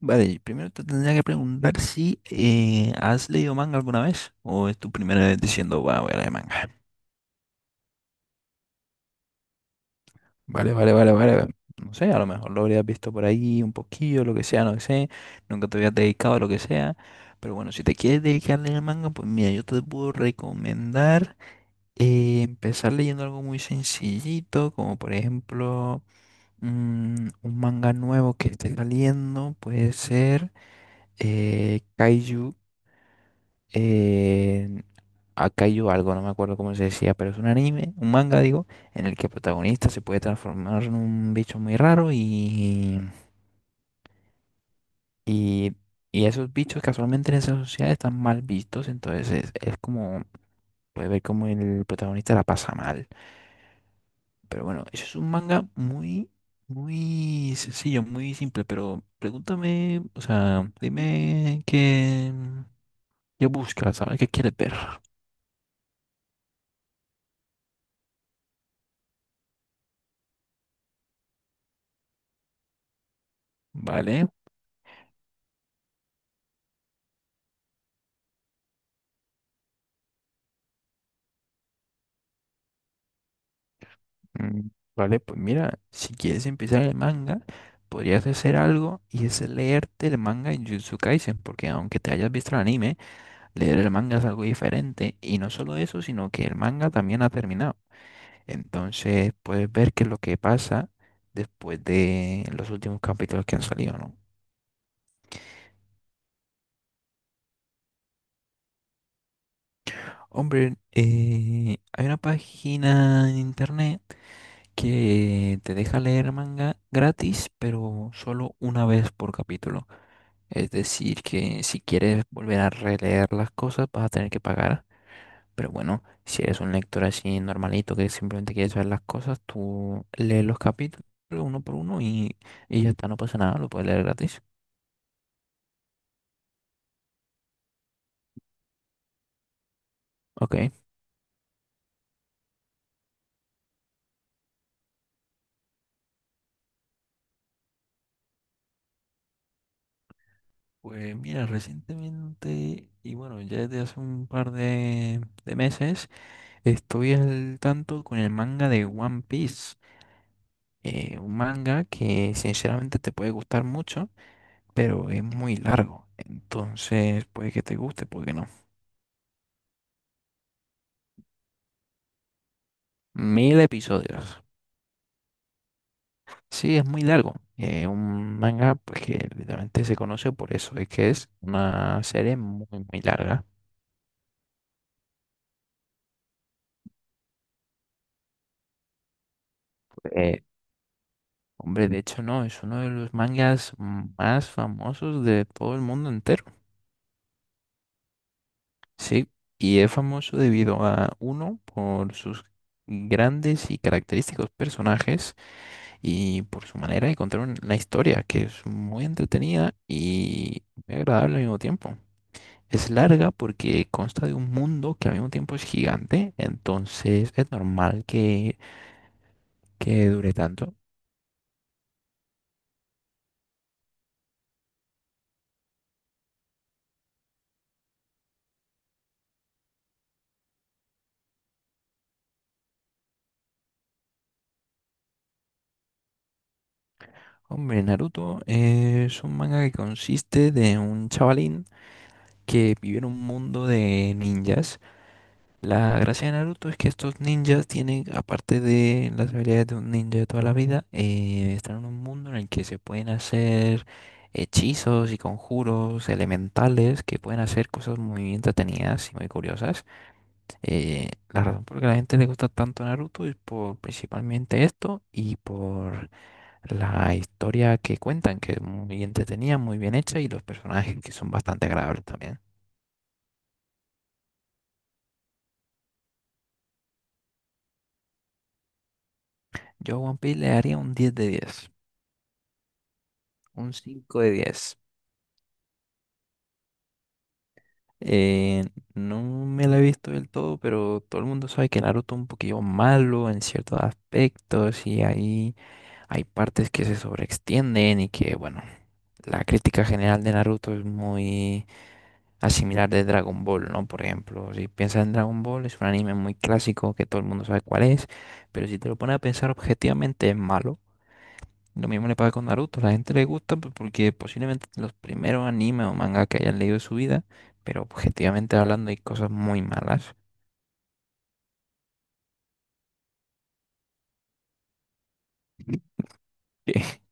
Vale, primero te tendría que preguntar si has leído manga alguna vez o es tu primera vez diciendo, va, voy a leer manga. Vale, vale, vale, vale. No sé, a lo mejor lo habrías visto por ahí un poquillo, lo que sea, no sé. Nunca te habías dedicado a lo que sea. Pero bueno, si te quieres dedicar a leer manga, pues mira, yo te puedo recomendar empezar leyendo algo muy sencillito, como por ejemplo un manga nuevo que esté saliendo, puede ser Kaiju. eh, Akainu algo, no me acuerdo cómo se decía, pero es un anime, un manga, digo, en el que el protagonista se puede transformar en un bicho muy raro y, y esos bichos casualmente en esa sociedad están mal vistos, entonces es como, puede ver como el protagonista la pasa mal. Pero bueno, eso es un manga muy, muy sencillo, muy simple, pero pregúntame, o sea, qué buscas, ¿sabes? ¿Qué quieres ver? ¿Vale? Mm. Vale, pues mira, si quieres empezar el manga, podrías hacer algo y es leerte el manga en Jujutsu Kaisen, porque aunque te hayas visto el anime, leer el manga es algo diferente y no solo eso, sino que el manga también ha terminado. Entonces puedes ver qué es lo que pasa después de los últimos capítulos que han salido, ¿no? Hombre, hay una página en internet que te deja leer manga gratis, pero solo una vez por capítulo. Es decir, que si quieres volver a releer las cosas, vas a tener que pagar. Pero bueno, si eres un lector así normalito que simplemente quieres ver las cosas, tú lees los capítulos uno por uno y ya está, no pasa nada, lo puedes leer gratis. Ok. Pues mira, recientemente, y bueno, ya desde hace un par de meses, estoy al tanto con el manga de One Piece. Un manga que sinceramente te puede gustar mucho pero es muy largo. Entonces, puede que te guste, puede que no. 1000 episodios. Sí, es muy largo. Un manga, pues que literalmente se conoce por eso, es que es una serie muy, muy larga. Eh, hombre, de hecho, no, es uno de los mangas más famosos de todo el mundo entero. Sí, y es famoso debido a uno por sus grandes y característicos personajes y por su manera de la historia, que es muy entretenida y muy agradable al mismo tiempo. Es larga porque consta de un mundo que al mismo tiempo es gigante, entonces es normal que dure tanto. Hombre, Naruto es un manga que consiste de un chavalín que vive en un mundo de ninjas. La gracia de Naruto es que estos ninjas tienen, aparte de las habilidades de un ninja de toda la vida, están en un mundo en el que se pueden hacer hechizos y conjuros elementales que pueden hacer cosas muy entretenidas y muy curiosas. La razón por la que a la gente le gusta tanto Naruto es por principalmente esto y por la historia que cuentan, que es muy entretenida, muy bien hecha y los personajes que son bastante agradables también. Yo a One Piece le daría un 10 de 10, un 5 de 10. Eh, no me la he visto del todo, pero todo el mundo sabe que Naruto es un poquillo malo en ciertos aspectos y ahí hay partes que se sobreextienden y que, bueno, la crítica general de Naruto es muy asimilar de Dragon Ball, ¿no? Por ejemplo, si piensas en Dragon Ball, es un anime muy clásico que todo el mundo sabe cuál es, pero si te lo pones a pensar objetivamente es malo. Lo mismo le pasa con Naruto. La gente le gusta pues, porque posiblemente los primeros animes o mangas que hayan leído en su vida, pero objetivamente hablando hay cosas muy malas. que,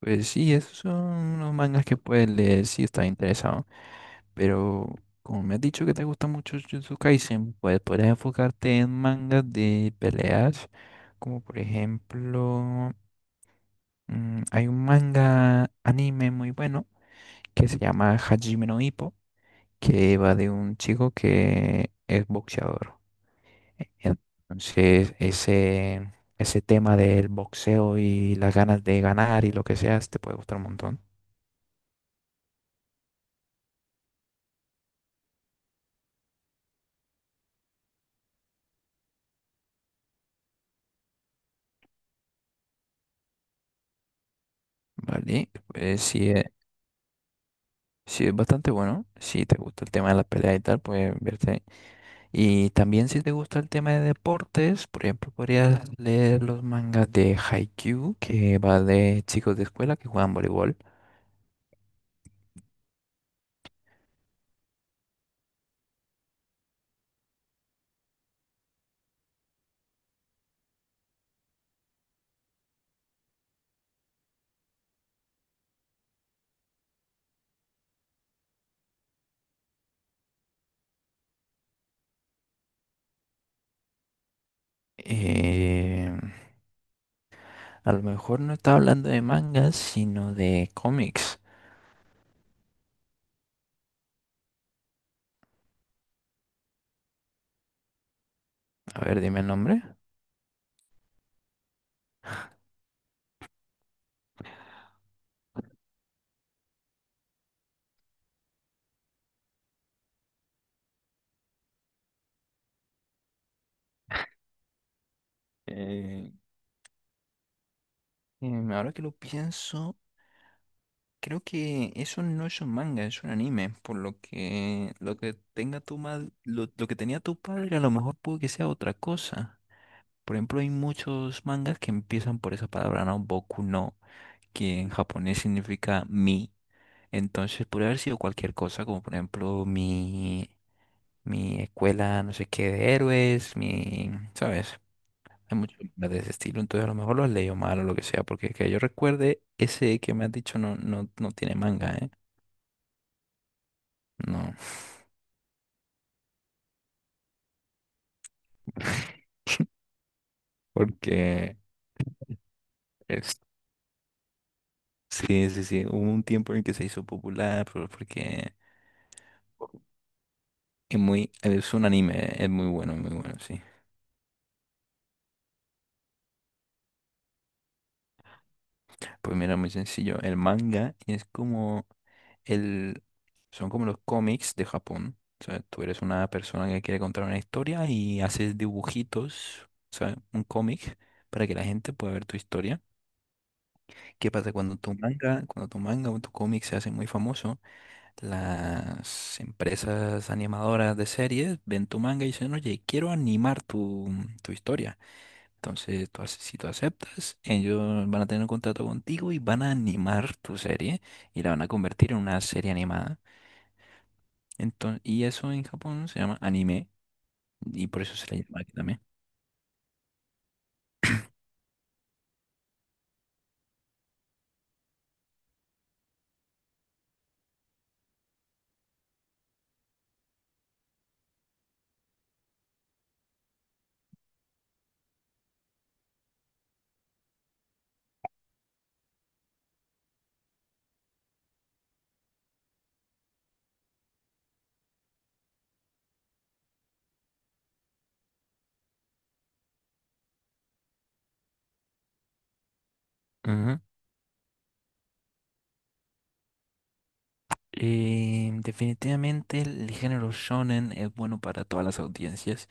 Pues sí, esos son los mangas que puedes leer si estás interesado. Pero como me has dicho que te gusta mucho Jujutsu Kaisen, pues podrías enfocarte en mangas de peleas, como por ejemplo, hay un manga anime muy bueno que se llama Hajime no Ippo que va de un chico que es boxeador. Entonces, ese tema del boxeo y las ganas de ganar y lo que sea, te puede gustar un montón. Vale, pues sí es bastante bueno. Si te gusta el tema de la pelea y tal, pues verte. Y también si te gusta el tema de deportes, por ejemplo, podrías leer los mangas de Haikyuu, que va de chicos de escuela que juegan voleibol. Eh, A lo mejor no estaba hablando de mangas, sino de cómics. A ver, dime el nombre. Eh, ahora que lo pienso, creo que eso no es un manga, es un anime. Por lo que tenga tu madre, lo que tenía tu padre, a lo mejor puede que sea otra cosa. Por ejemplo, hay muchos mangas que empiezan por esa palabra, ¿no? Boku no, que en japonés significa mi. Entonces puede haber sido cualquier cosa, como por ejemplo mi escuela no sé qué de héroes, mi, ¿sabes? Hay muchos libros de ese estilo, entonces a lo mejor lo has leído mal o lo que sea, porque que yo recuerde, ese que me has dicho no, no, no tiene manga, ¿eh? No. porque es- sí, sí, sí, hubo un tiempo en el que se hizo popular, pero porque es un anime, es muy bueno, muy bueno, sí. Pues mira, muy sencillo. El manga es como el... Son como los cómics de Japón. O sea, tú eres una persona que quiere contar una historia y haces dibujitos, o sea, un cómic para que la gente pueda ver tu historia. ¿Qué pasa cuando tu manga o tu cómic se hace muy famoso? Las empresas animadoras de series ven tu manga y dicen, oye, tu historia. Entonces, si tú aceptas, ellos van a tener un contrato contigo y van a animar tu serie y la van a convertir en una serie animada. Entonces, y eso en Japón se llama anime y por eso se le llama aquí también. Ujú. Definitivamente el género shonen es bueno para todas las audiencias.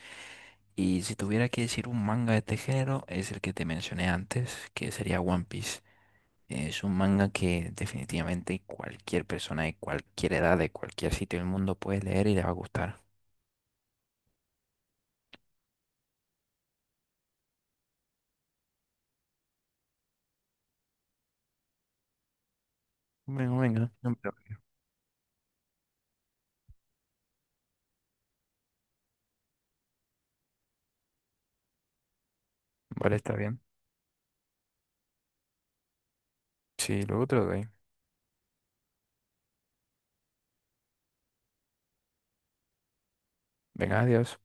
Y si tuviera que decir un manga de este género, es el que te mencioné antes, que sería One Piece. Es un manga que definitivamente cualquier persona de cualquier edad, de cualquier sitio del mundo puede leer y le va a gustar. Bueno, venga, no, pero- Vale, está bien. Sí, luego te lo doy. Venga, adiós.